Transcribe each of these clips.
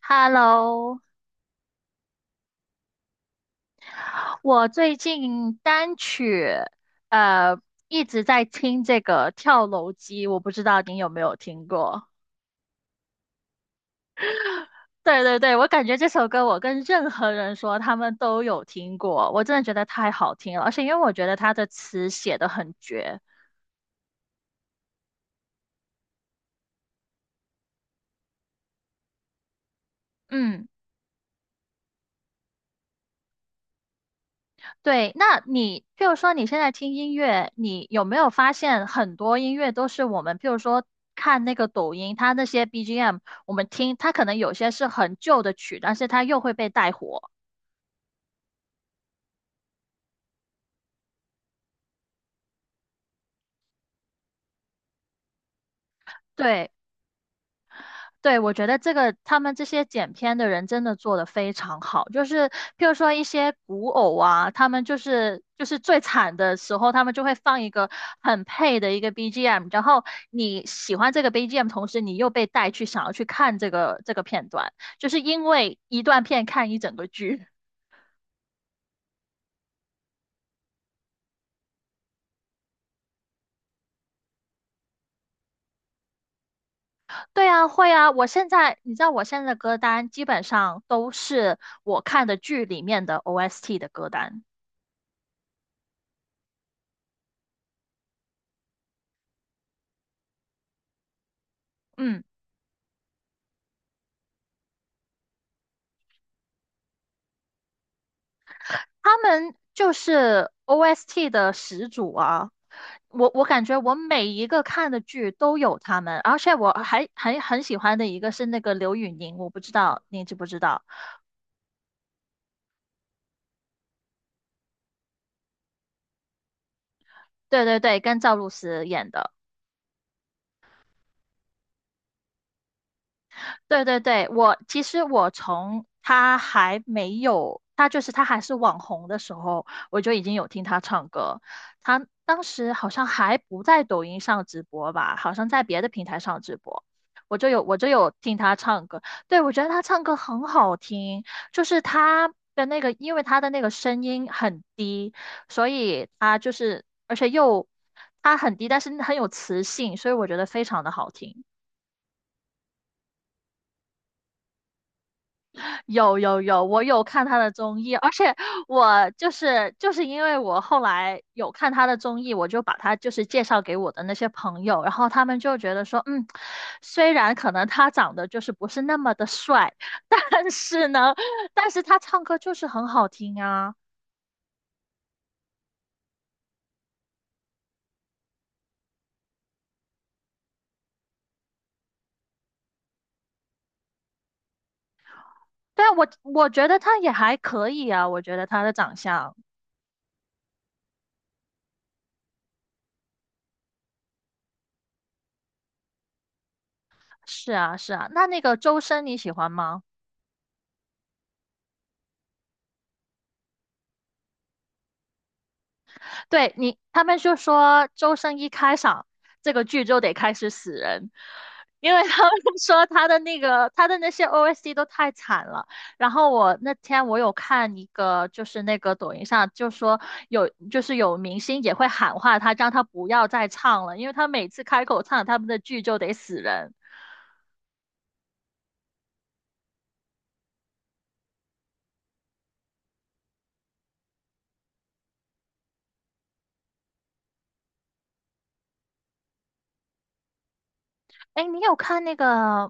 Hello，我最近单曲呃一直在听这个《跳楼机》，我不知道你有没有听过？对对对，我感觉这首歌我跟任何人说他们都有听过，我真的觉得太好听了，而且因为我觉得它的词写的很绝，嗯。对，那你譬如说你现在听音乐，你有没有发现很多音乐都是我们譬如说看那个抖音，它那些 BGM，我们听它可能有些是很旧的曲，但是它又会被带火。对。对，我觉得这个他们这些剪片的人真的做的非常好，就是譬如说一些古偶啊，他们就是最惨的时候，他们就会放一个很配的一个 BGM，然后你喜欢这个 BGM，同时你又被带去想要去看这个片段，就是因为一段片看一整个剧。对啊，会啊，我现在你知道我现在的歌单基本上都是我看的剧里面的 OST 的歌单，嗯。他们就是 OST 的始祖啊！我感觉我每一个看的剧都有他们，而且我还很喜欢的一个是那个刘宇宁，我不知道你知不知道？对对对，跟赵露思演的。对对对，我其实我从他还没有，他还是网红的时候，我就已经有听他唱歌。他当时好像还不在抖音上直播吧，好像在别的平台上直播，我就有听他唱歌。对，我觉得他唱歌很好听，就是他的那个，因为他的那个声音很低，所以他就是，而且又他很低，但是很有磁性，所以我觉得非常的好听。有有有，我有看他的综艺，而且我就是因为我后来有看他的综艺，我就把他就是介绍给我的那些朋友，然后他们就觉得说，虽然可能他长得就是不是那么的帅，但是呢，但是他唱歌就是很好听啊。对啊，我觉得他也还可以啊，我觉得他的长相是啊是啊。那个周深你喜欢吗？对，你，他们就说周深一开场，这个剧就得开始死人，因为他们 说他的那些 OST 都太惨了。然后我那天我有看一个，就是那个抖音上就说有就是有明星也会喊话他，让他不要再唱了，因为他每次开口唱他们的剧就得死人。哎，你有看那个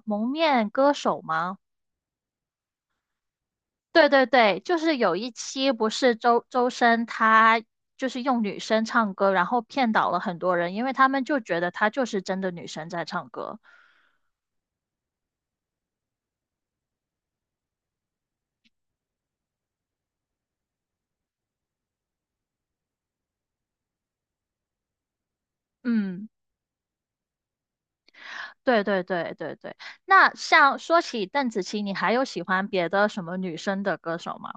《蒙面歌手》吗？对对对，就是有一期不是周深他就是用女生唱歌，然后骗倒了很多人，因为他们就觉得她就是真的女生在唱歌。嗯，对对对对对。那像说起邓紫棋，你还有喜欢别的什么女生的歌手吗？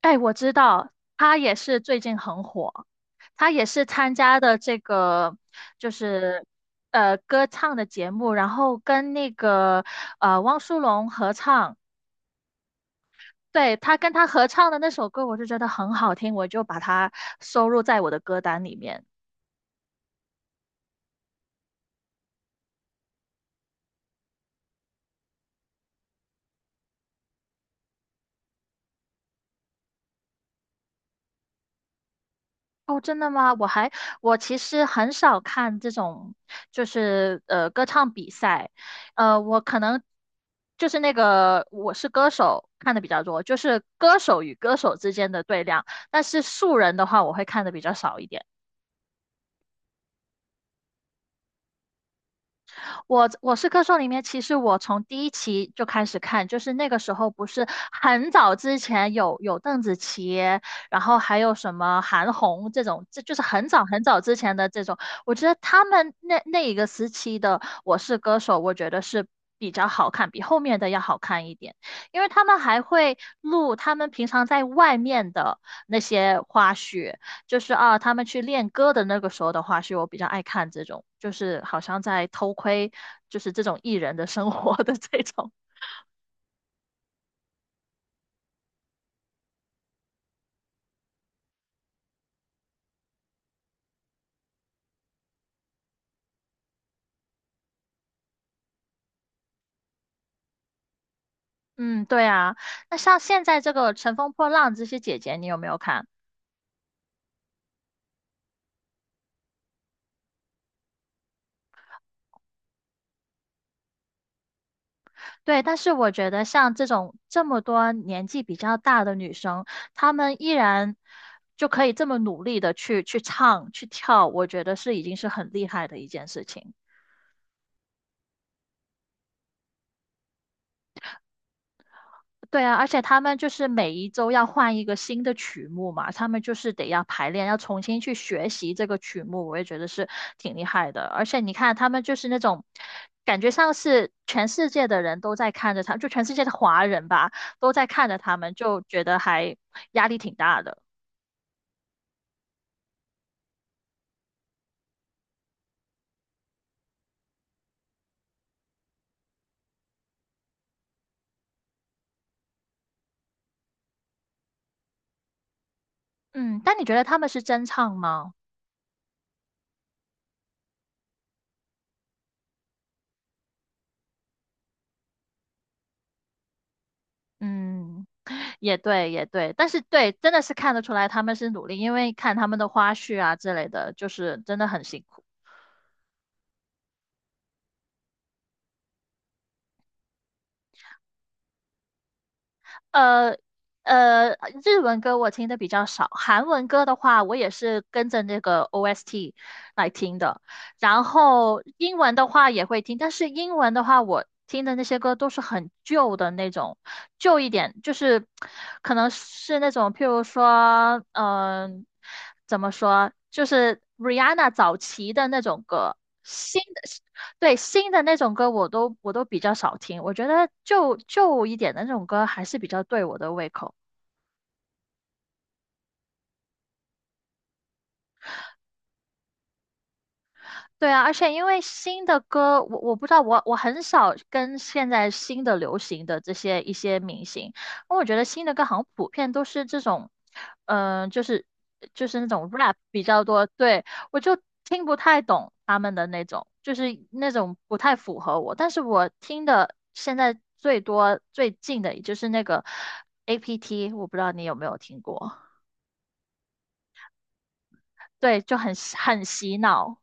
哎，我知道，她也是最近很火，她也是参加的这个就是歌唱的节目，然后跟那个汪苏泷合唱。对，他跟他合唱的那首歌，我就觉得很好听，我就把它收入在我的歌单里面。哦，真的吗？我其实很少看这种，就是歌唱比赛，我可能就是那个我是歌手看的比较多，就是歌手与歌手之间的对量，但是素人的话，我会看的比较少一点。我是歌手里面，其实我从第一期就开始看，就是那个时候不是很早之前有邓紫棋，然后还有什么韩红这种，这就是很早很早之前的这种。我觉得他们那一个时期的《我是歌手》，我觉得是比较好看，比后面的要好看一点，因为他们还会录他们平常在外面的那些花絮，就是啊，他们去练歌的那个时候的话，是我比较爱看这种，就是好像在偷窥，就是这种艺人的生活的这种。嗯，对啊。那像现在这个《乘风破浪》这些姐姐，你有没有看？对，但是我觉得像这种这么多年纪比较大的女生，她们依然就可以这么努力的去去唱去跳，我觉得是已经是很厉害的一件事情。对啊，而且他们就是每一周要换一个新的曲目嘛，他们就是得要排练，要重新去学习这个曲目，我也觉得是挺厉害的。而且你看，他们就是那种感觉上是全世界的人都在看着他，就全世界的华人吧，都在看着他们，就觉得还压力挺大的。嗯，但你觉得他们是真唱吗？嗯，也对，也对，但是对，真的是看得出来他们是努力，因为看他们的花絮啊之类的，就是真的很辛苦。呃呃，日文歌我听的比较少，韩文歌的话，我也是跟着那个 OST 来听的。然后英文的话也会听，但是英文的话，我听的那些歌都是很旧的那种，旧一点，就是可能是那种，譬如说，怎么说，就是 Rihanna 早期的那种歌。新的，对，新的那种歌我都比较少听，我觉得旧旧一点的那种歌还是比较对我的胃口。对啊，而且因为新的歌，我不知道，我很少跟现在新的流行的这些一些明星，因为我觉得新的歌好像普遍都是这种，嗯、就是就是那种 rap 比较多，对，我就听不太懂他们的那种，就是那种不太符合我，但是我听的现在最多最近的也就是那个 APT，我不知道你有没有听过，对，就很洗脑。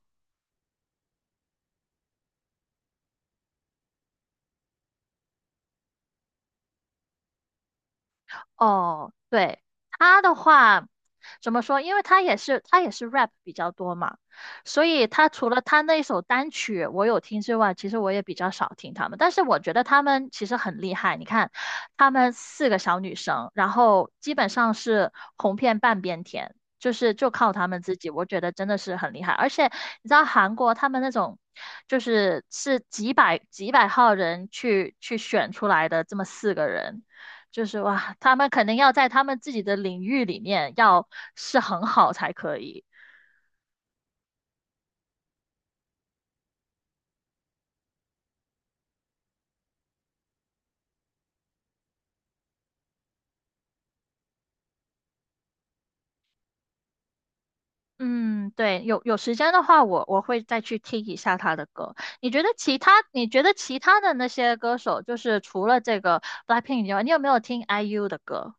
哦，对，他的话怎么说？因为他也是 rap 比较多嘛，所以他除了他那一首单曲我有听之外，其实我也比较少听他们。但是我觉得他们其实很厉害，你看，他们四个小女生，然后基本上是红遍半边天，就靠他们自己，我觉得真的是很厉害。而且你知道韩国他们那种。是几百几百号人去选出来的这么四个人，就是哇，他们肯定要在他们自己的领域里面要是很好才可以。嗯，对，有时间的话我会再去听一下他的歌。你觉得其他的那些歌手，就是除了这个 BLACKPINK 以外，你有没有听 IU 的歌？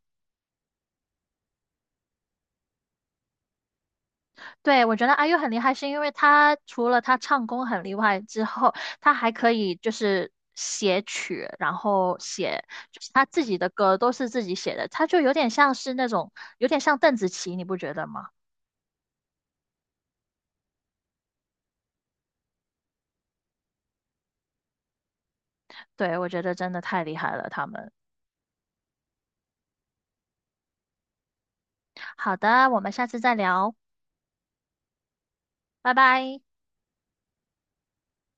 对，我觉得阿 u 很厉害，是因为他除了他唱功很厉害之后，他还可以就是写曲，然后就是他自己的歌都是自己写的，他就有点像邓紫棋，你不觉得吗？对，我觉得真的太厉害了，他们。好的，我们下次再聊，拜拜。